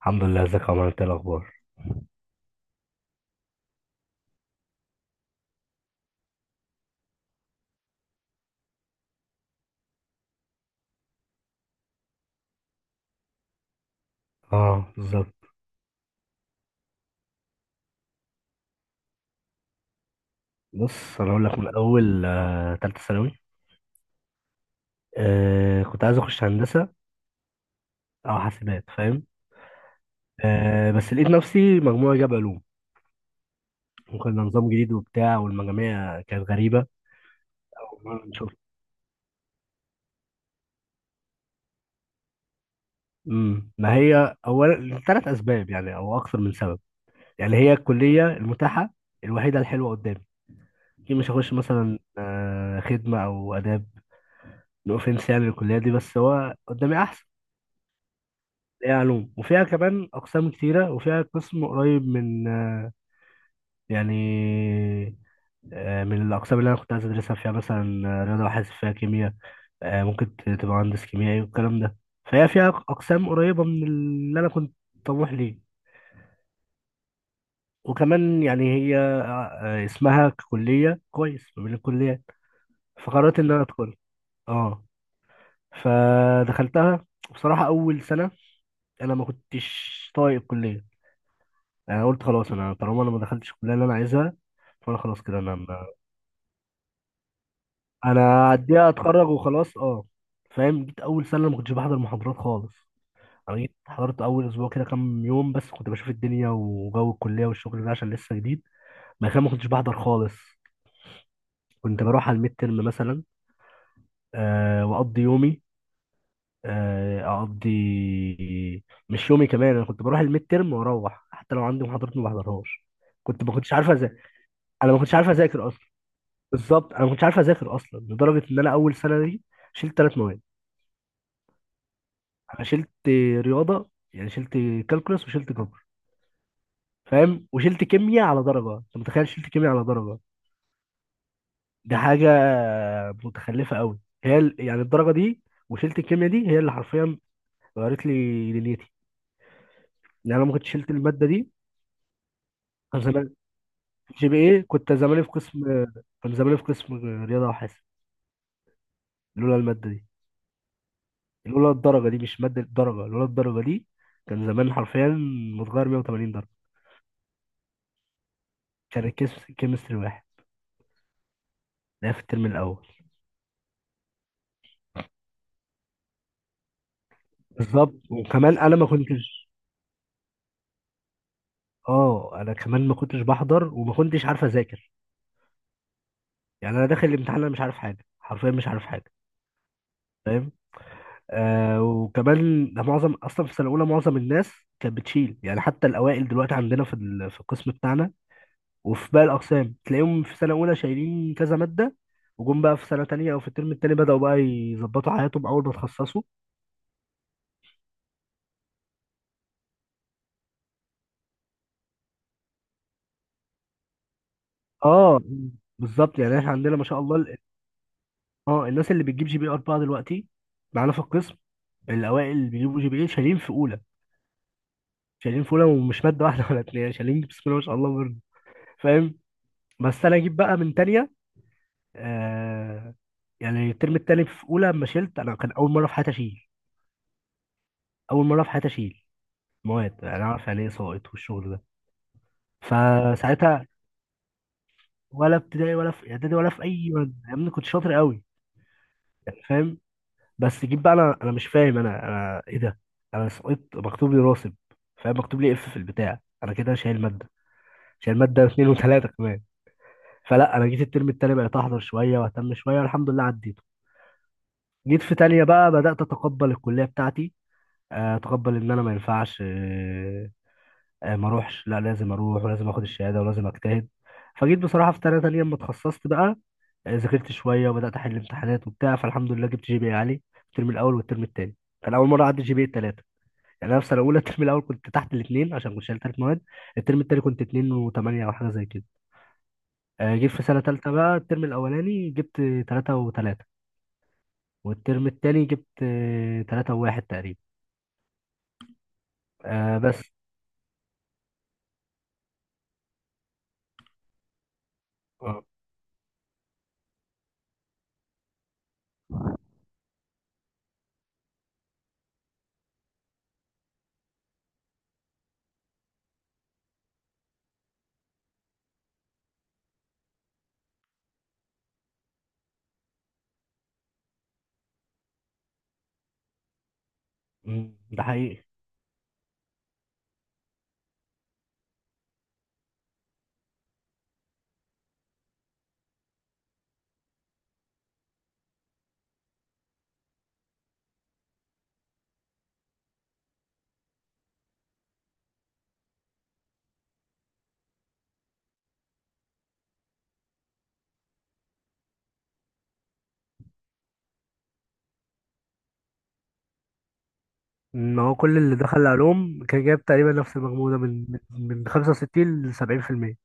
الحمد لله. ازيك يا عمر؟ انت إيه الاخبار؟ اه، بالظبط. بص، انا اقول لك من اول تالتة ثانوي. كنت عايز اخش هندسه او حاسبات، فاهم. بس لقيت نفسي مجموعه جاب علوم. وكان ده نظام جديد وبتاع، والمجاميع كانت غريبه. أول مرة نشوف. ما هي اولا ثلاث اسباب، يعني او اكثر من سبب. يعني هي الكليه المتاحه الوحيده الحلوه قدامي. اكيد مش هخش مثلا خدمه او اداب. نو اوفنس يعني الكليه دي، بس هو قدامي احسن. هي علوم وفيها كمان أقسام كتيرة، وفيها قسم قريب من يعني من الأقسام اللي أنا كنت عايز أدرسها فيها، مثلا رياضة وحاسب، فيها كيمياء. ممكن تبقى مهندس كيميائي والكلام ده. فهي فيها أقسام قريبة من اللي أنا كنت طموح ليه. وكمان يعني هي اسمها كلية كويس ما بين الكليات. فقررت إن أنا أدخل. أه فدخلتها. بصراحة، أول سنة أنا ما كنتش طايق الكلية. يعني قلت خلاص، انا طالما انا ما دخلتش الكليه اللي انا عايزها، فانا خلاص كده، انا هديها اتخرج وخلاص، اه. فاهم. جيت اول سنه ما كنتش بحضر محاضرات خالص. انا جيت حضرت اول اسبوع كده، كام يوم بس، كنت بشوف الدنيا وجو الكليه والشغل ده، عشان لسه جديد. ما كنتش بحضر خالص. كنت بروح على الميد ترم مثلا. واقضي يومي. آه، اقضي مش يومي كمان. انا كنت بروح الميد ترم، واروح حتى لو عندي محاضرات ما بحضرهاش. ما كنتش عارف انا ما كنتش عارف اذاكر. بالظبط، انا ما كنتش عارف اذاكر اصلا، لدرجه ان انا اول سنه دي شلت ثلاث مواد. انا شلت رياضه، يعني شلت كالكولس وشلت جبر، فاهم. وشلت كيمياء على درجه، انت متخيل؟ شلت كيمياء على درجه، دي حاجه متخلفه قوي. هي يعني الدرجه دي. وشلت الكيمياء دي هي اللي حرفيا غيرت لي دنيتي، لان انا ما كنتش شلت الماده دي، كان زمان جي بي اي. كنت زماني في قسم رياضه وحاسب. لولا الماده دي، لولا الدرجه دي، مش ماده، الدرجه، لولا الدرجه دي، كان زمان حرفيا متغير 180 درجه. عشان الكيمستري واحد ده في الترم الاول. بالظبط، وكمان انا ما كنتش. اه، انا كمان ما كنتش بحضر وما كنتش عارف اذاكر. يعني انا داخل الامتحان انا مش عارف حاجه، حرفيا مش عارف حاجه، فاهم. وكمان ده معظم اصلا. في سنه اولى معظم الناس كانت بتشيل، يعني حتى الاوائل دلوقتي عندنا في القسم بتاعنا، وفي باقي الأقسام تلاقيهم في سنة أولى شايلين كذا مادة. وجم بقى في سنة تانية، أو في الترم التاني، بدأوا بقى يظبطوا حياتهم أول ما اتخصصوا. اه، بالظبط. يعني احنا عندنا ما شاء الله اه، الناس اللي بتجيب جي بي 4 دلوقتي معانا في القسم، الأوائل اللي بيجيبوا جي بي ايه شايلين في أولى، شايلين في أولى، ومش مادة واحدة ولا اتنين، شايلين بسم الله ما شاء الله برد، فاهم. بس أنا أجيب بقى من تانية، آه يعني الترم التاني في أولى لما شلت أنا، كان أول مرة في حياتي أشيل مواد. أنا أعرف يعني إيه سائط والشغل ده؟ فساعتها ولا ابتدائي ولا في اعدادي ولا في اي مادة، يا ابني كنت شاطر قوي. يعني، فاهم. بس جيت بقى، انا مش فاهم انا، ايه ده؟ انا سقطت، مكتوب لي راسب، فاهم. مكتوب لي اف في البتاع، انا كده شايل ماده، شايل ماده اتنين وتلاته كمان. فلا، انا جيت الترم التاني بقيت احضر شويه واهتم شويه، والحمد لله عديته. جيت في تانية بقى، بدات اتقبل الكليه بتاعتي. اتقبل ان انا ما ينفعش ما اروحش، لا، لازم اروح ولازم اخد الشهاده ولازم اجتهد. فجيت بصراحه في تانية، تانية لما اتخصصت بقى، يعني ذاكرت شويه وبدات احل امتحانات وبتاع، فالحمد لله جبت جي بي إيه عالي الترم الاول والترم الثاني. كان اول مره اعدي جي بي الثلاثه. يعني انا في سنه اولى الترم الاول كنت تحت الاثنين، عشان كنت شايل ثلاث مواد. الترم الثاني كنت 2 و8، او حاجه زي كده. جيت في سنه ثالثه بقى، الترم الاولاني جبت 3 و3، والترم الثاني جبت 3 و1 تقريبا. آه، بس. آه. ده حقيقي. ان هو كل اللي دخل علوم كان جايب تقريبا نفس المجموع ده، من 65 ل 70%.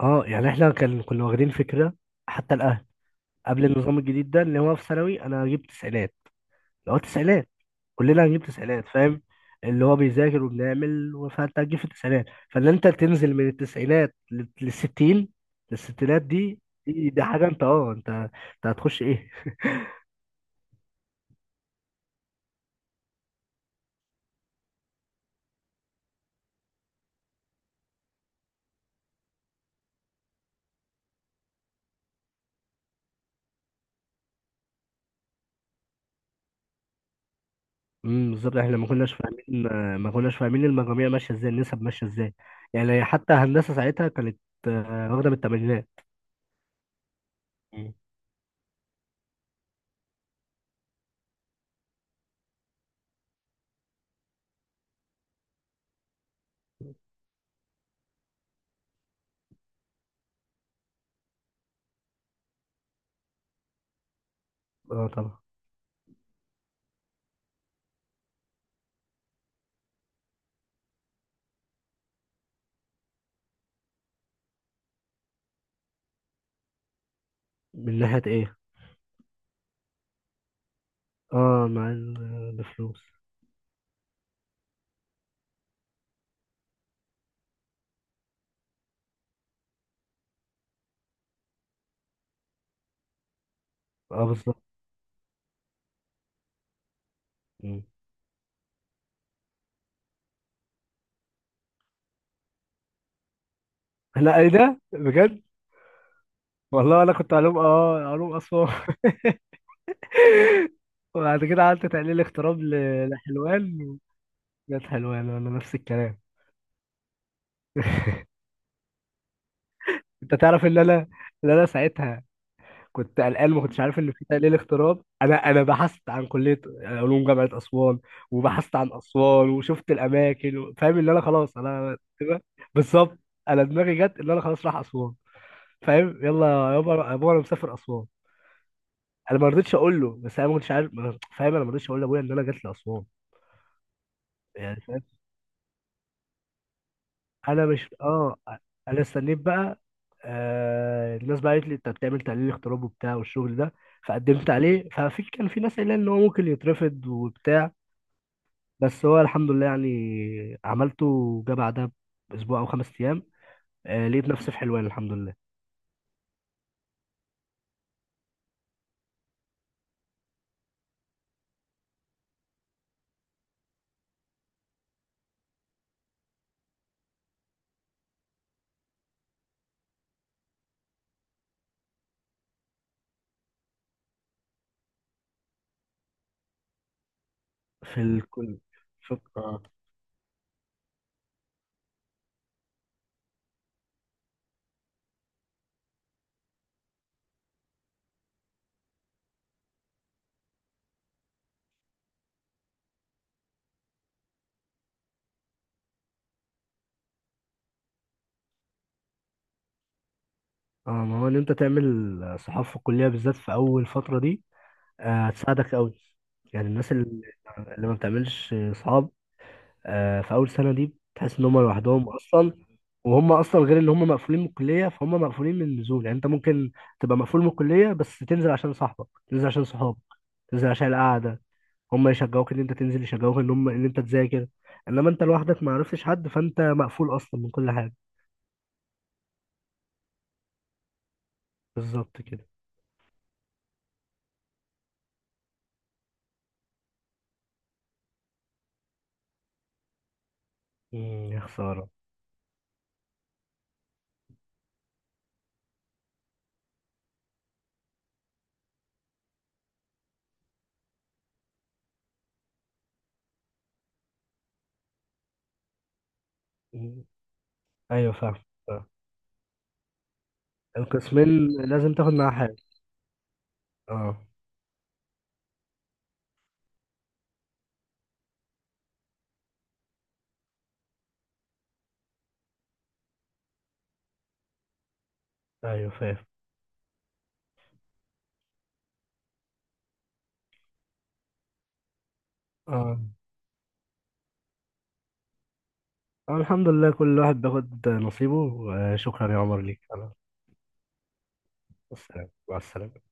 اه، يعني احنا كنا واخدين فكره، حتى الاهل. قبل النظام الجديد ده، اللي هو في ثانوي انا جبت تسعينات، اللي هو تسعينات، كلنا هنجيب تسعينات، فاهم. اللي هو بيذاكر وبنعمل، فانت هتجيب في التسعينات. فان انت تنزل من التسعينات للستين، للستينات دي، دي حاجه، انت انت هتخش ايه؟ بالظبط، احنا ما كناش فاهمين. ما كناش فاهمين المجاميع ماشيه ازاي، النسب ماشيه ازاي. يعني حتى هندسه ساعتها كانت واخده من الثمانينات. مم. اه، طبعا. من ناحيه ايه؟ اه، مع الفلوس. اه، بالظبط. لا، ايه ده؟ بجد؟ والله، انا كنت علوم، علوم اسوان. وبعد كده قعدت تحليل اغتراب لحلوان. جت حلوان ولا نفس الكلام؟ انت تعرف ان انا ساعتها كنت قلقان، ما كنتش عارف ان في تحليل اغتراب، انا بحثت عن كليه علوم جامعه اسوان، وبحثت عن اسوان وشفت الاماكن فاهم ان انا خلاص انا كده. بالظبط. انا دماغي جت ان انا خلاص رايح اسوان، فاهم، يلا. يا بابا، انا مسافر اسوان. انا ما رضيتش اقول له، بس انا ما كنتش عارف، فاهم. انا ما رضيتش اقول لابويا ان انا جات لاسوان. يعني، فاهم. انا مش انا استنيت بقى. الناس بقى قالت لي انت بتعمل تحليل اغتراب وبتاع والشغل ده، فقدمت عليه. كان في ناس قايله ان هو ممكن يترفض وبتاع، بس هو الحمد لله يعني عملته، وجا بعدها باسبوع او خمس ايام. لقيت نفسي في حلوان، الحمد لله. في الكل، في ما هو ان انت تعمل صحافه في الكليه بالذات في اول فتره دي، هتساعدك قوي. يعني الناس اللي ما بتعملش صحاب، في اول سنه دي تحس ان هم لوحدهم اصلا. وهم اصلا غير ان هم مقفولين من الكليه، فهم مقفولين من النزول. يعني انت ممكن تبقى مقفول من الكليه، بس تنزل عشان صاحبك، تنزل عشان صحابك، تنزل عشان القعده. هم يشجعوك ان انت تنزل، يشجعوك ان هم ان انت تذاكر. انما انت لوحدك ما عرفتش حد، فانت مقفول اصلا من كل حاجه. بالظبط كده. يا خساره. مم. ايوه، فاهم. فاهم. القسمين لازم تاخد معاها حاجه. اه، ايوه فاهم، اه. الحمد لله كل واحد بياخد نصيبه. شكرا يا عمر، ليك أنا. السلام، مع السلامة.